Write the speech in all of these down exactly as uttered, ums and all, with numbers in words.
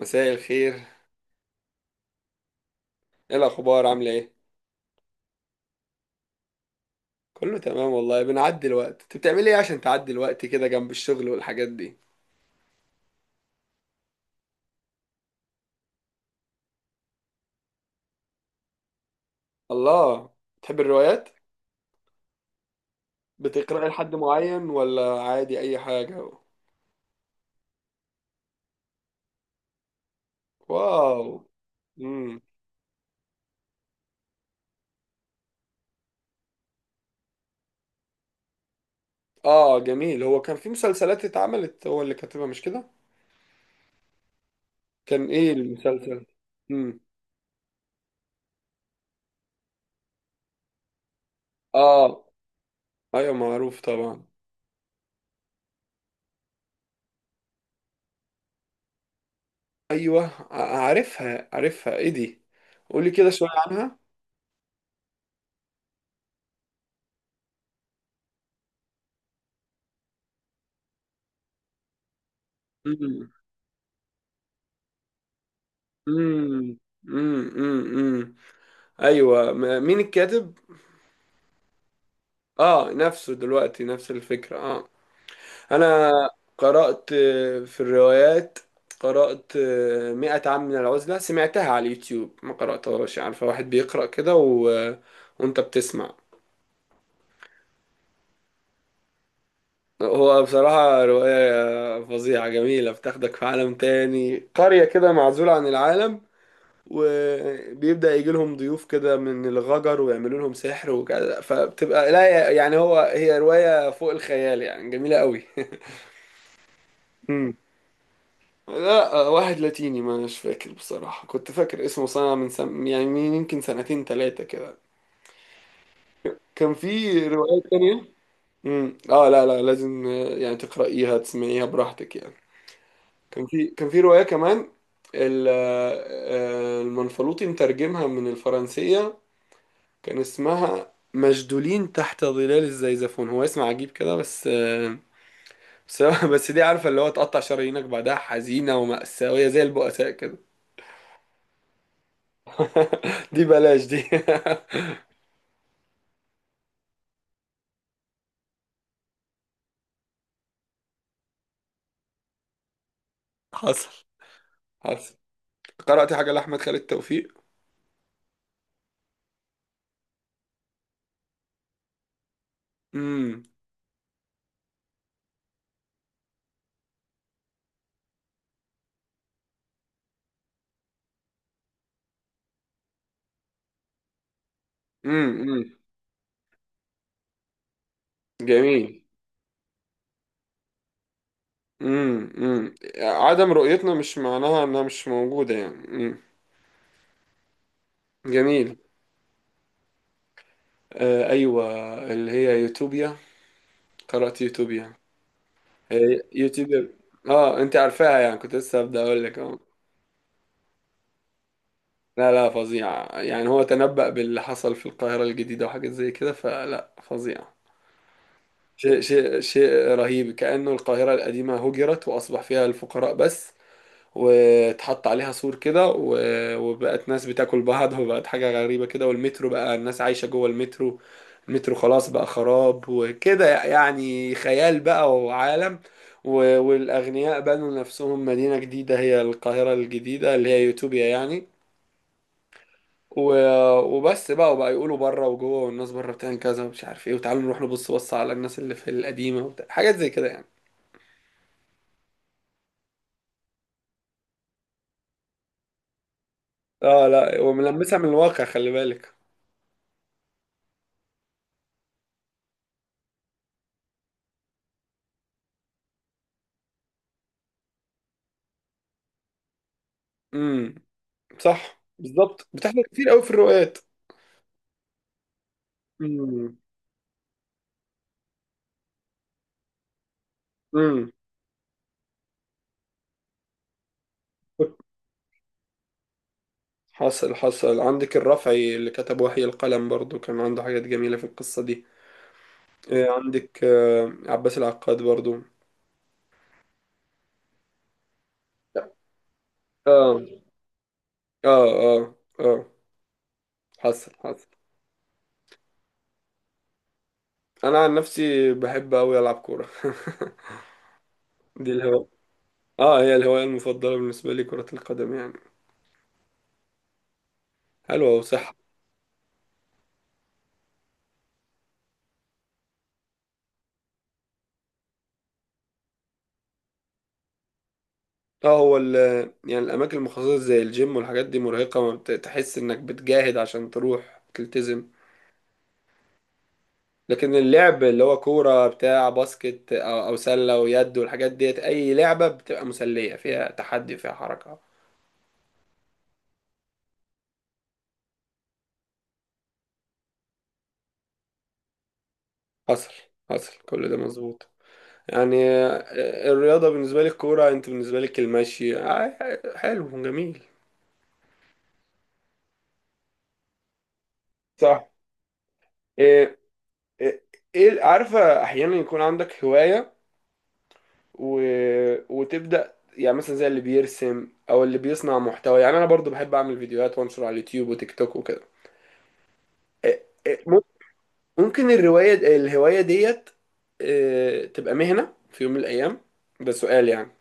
مساء الخير. ايه الاخبار، عامله ايه؟ كله تمام والله، بنعدي الوقت. انت بتعملي ايه عشان تعدي الوقت كده جنب الشغل والحاجات دي؟ الله! بتحب الروايات؟ بتقراي لحد معين ولا عادي اي حاجه؟ واو. امم اه، جميل. هو كان في مسلسلات اتعملت، هو اللي كاتبها مش كده؟ كان ايه المسلسل؟ امم اه، ايوه معروف طبعا. ايوه، ع- عارفها عارفها ايه دي؟ قولي كده شويه عنها. امم امم امم ايوه، م- مين الكاتب؟ اه، نفسه دلوقتي، نفس الفكره. اه انا قرات آه، في الروايات. قرات آه، مئة عام من العزله، سمعتها على اليوتيوب ما قراتهاش. عارفه، واحد بيقرا كده و... وانت بتسمع. هو بصراحه روايه فظيعه جميله، بتاخدك في عالم تاني، قريه كده معزوله عن العالم. وبيبدأ يجي لهم ضيوف كده من الغجر ويعملوا لهم سحر وكده، فبتبقى لا يعني هو هي رواية فوق الخيال يعني، جميلة قوي. مم. لا آه، واحد لاتيني، ما مش فاكر بصراحة. كنت فاكر اسمه سنة من سن... يعني من يمكن سنتين ثلاثة كده. كان في روايات تانية. امم اه، لا لا، لازم آه، يعني تقرأيها، تسمعيها براحتك يعني. كان في كان في رواية كمان، ال- آه، المنفلوطي مترجمها من الفرنسية. كان اسمها مشدولين تحت ظلال الزيزفون، هو اسم عجيب كده بس. بس بس دي عارفة اللي هو تقطع شرايينك بعدها، حزينة ومأساوية زي البؤساء كده. دي بلاش دي. حصل حصل. قرأت حاجة لأحمد خالد توفيق. امم امم امم جميل. امم امم عدم رؤيتنا مش معناها انها مش موجودة يعني. امم جميل. آه، ايوه، اللي هي يوتوبيا. قرأت يوتوبيا. هي يوتيوبر. اه، انت عارفاها، يعني كنت لسه هبدأ اقول لك. اه، لا لا، فظيع يعني. هو تنبأ باللي حصل في القاهرة الجديدة وحاجات زي كده، فلا فظيع. شيء شيء شيء رهيب، كأنه القاهرة القديمة هجرت وأصبح فيها الفقراء بس. واتحط عليها سور كده و- وبقت ناس بتاكل بعض. وبقت حاجة غريبة كده، والمترو بقى الناس عايشة جوه المترو. المترو خلاص بقى خراب وكده، يعني خيال بقى وعالم. و- والأغنياء بنوا نفسهم مدينة جديدة، هي القاهرة الجديدة اللي هي يوتوبيا يعني. و- وبس بقى، وبقى يقولوا بره وجوه، والناس بره بتعمل كذا ومش عارف ايه، وتعالوا نروح نبص بص على الناس اللي في القديمة وبتاع. حاجات زي كده يعني. اه، لا وملمسها من الواقع، خلي بالك. امم صح بالظبط، بتحصل كتير قوي في الروايات. امم. امم. حصل حصل. عندك الرافعي اللي كتب وحي القلم برضو، كان عنده حاجات جميلة في القصة دي. آه، عندك آه، عباس العقاد برضو. اه اه اه اه. حصل حصل. انا عن نفسي بحب اوي العب كورة. دي الهواية. اه، هي الهواية المفضلة بالنسبة لي، كرة القدم يعني. حلوة وصحة. اه، هو ال يعني الأماكن المخصصة زي الجيم والحاجات دي مرهقة، ما بت- تحس إنك بتجاهد عشان تروح تلتزم. لكن اللعب اللي هو كورة بتاع باسكت أو أو سلة ويد والحاجات ديت، أي لعبة بتبقى مسلية، فيها تحدي فيها حركة. حصل حصل، كل ده مظبوط. يعني آه، الرياضة بالنسبة لي الكورة، أنت بالنسبة لك المشي. آه، حلو جميل. صح. إيه إيه إيه- عارفة، أحيانا يكون عندك هواية و... وتبدأ، يعني مثلا زي اللي بيرسم أو اللي بيصنع محتوى. يعني أنا برضو بحب أعمل فيديوهات وأنشر على اليوتيوب وتيك توك وكده. إيه- إيه، ممكن الرواية الهواية ديت آه، تبقى مهنة في يوم من الأيام. ده سؤال يعني.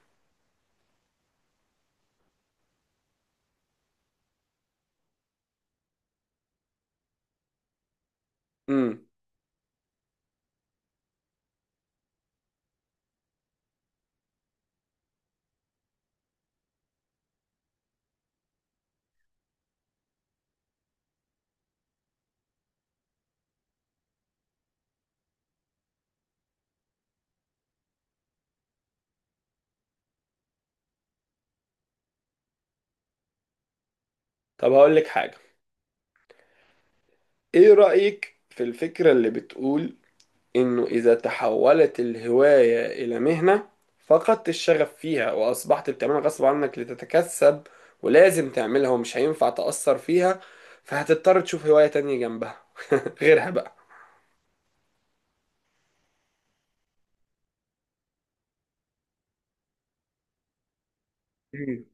امم طب هقول لك حاجة. ايه رأيك في الفكرة اللي بتقول انه اذا تحولت الهواية الى مهنة، فقدت الشغف فيها، واصبحت بتعملها غصب عنك لتتكسب، ولازم تعملها ومش هينفع تأثر فيها، فهتضطر تشوف هواية تانية جنبها. غيرها بقى. مم.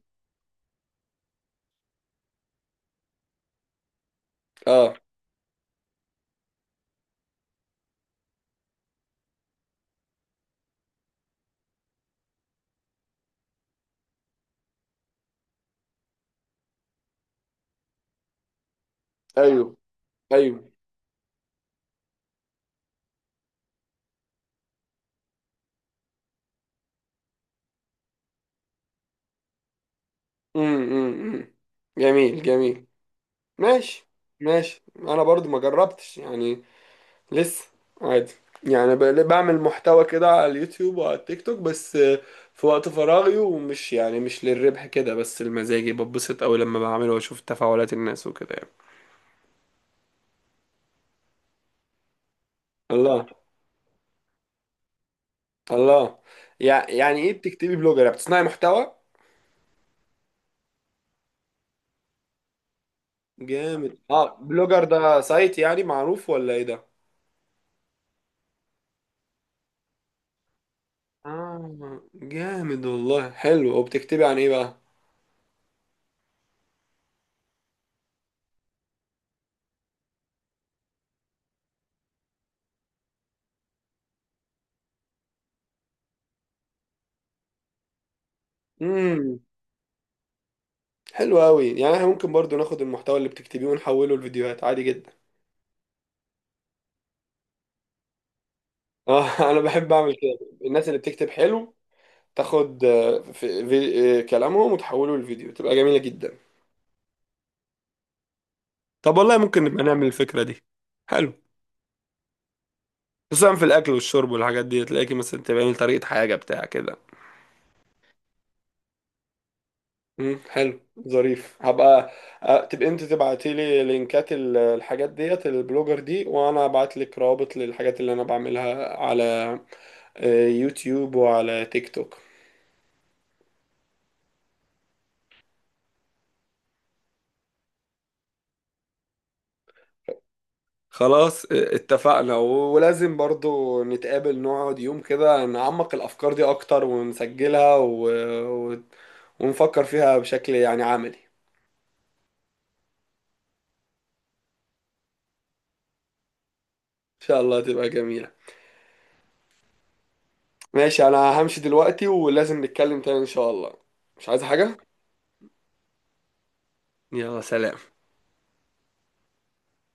اه، ايوه ايوه. امم، امم، أمم. جميل جميل. ماشي. ماشي، انا برضو ما جربتش يعني، لسه. عادي. يعني ب- بعمل محتوى كده على اليوتيوب وعلى التيك توك، بس في وقت فراغي، ومش يعني مش للربح كده، بس المزاجي. ببسط قوي لما بعمله واشوف تفاعلات الناس وكده يعني. الله. الله. يع- يعني ايه بتكتبي بلوجر، يعني بتصنعي محتوى؟ جامد. اه، بلوجر ده سايت يعني معروف ولا ايه ده؟ اه، جامد والله. حلو، وبتكتبي عن ايه؟ بقى. حلو قوي، يعني احنا ممكن برضو ناخد المحتوى اللي بتكتبيه ونحوله لفيديوهات عادي جدا. اه انا بحب اعمل كده. الناس اللي بتكتب حلو تاخد آه، في في آه، كلامهم وتحوله لفيديو، تبقى جميلة جدا. طب والله ممكن نبقى نعمل الفكرة دي. حلو. خصوصا في الاكل والشرب والحاجات دي، تلاقيكي مثلا تعملي طريقة حاجة بتاع كده. امم حلو. ظريف. هبقى آه، تبقى انت تبعتي لي لينكات ال- الحاجات ديت البلوجر دي، وانا ابعت لك رابط للحاجات اللي انا بعملها على آه، يوتيوب وعلى تيك توك. خلاص اه، اتفقنا. ولازم برضو نتقابل، نقعد يوم كده نعمق الأفكار دي أكتر ونسجلها و... و... ونفكر فيها بشكل يعني عملي. إن شاء الله تبقى جميلة. ماشي، أنا همشي دلوقتي، ولازم نتكلم تاني إن شاء الله. مش عايز حاجة؟ يلا سلام.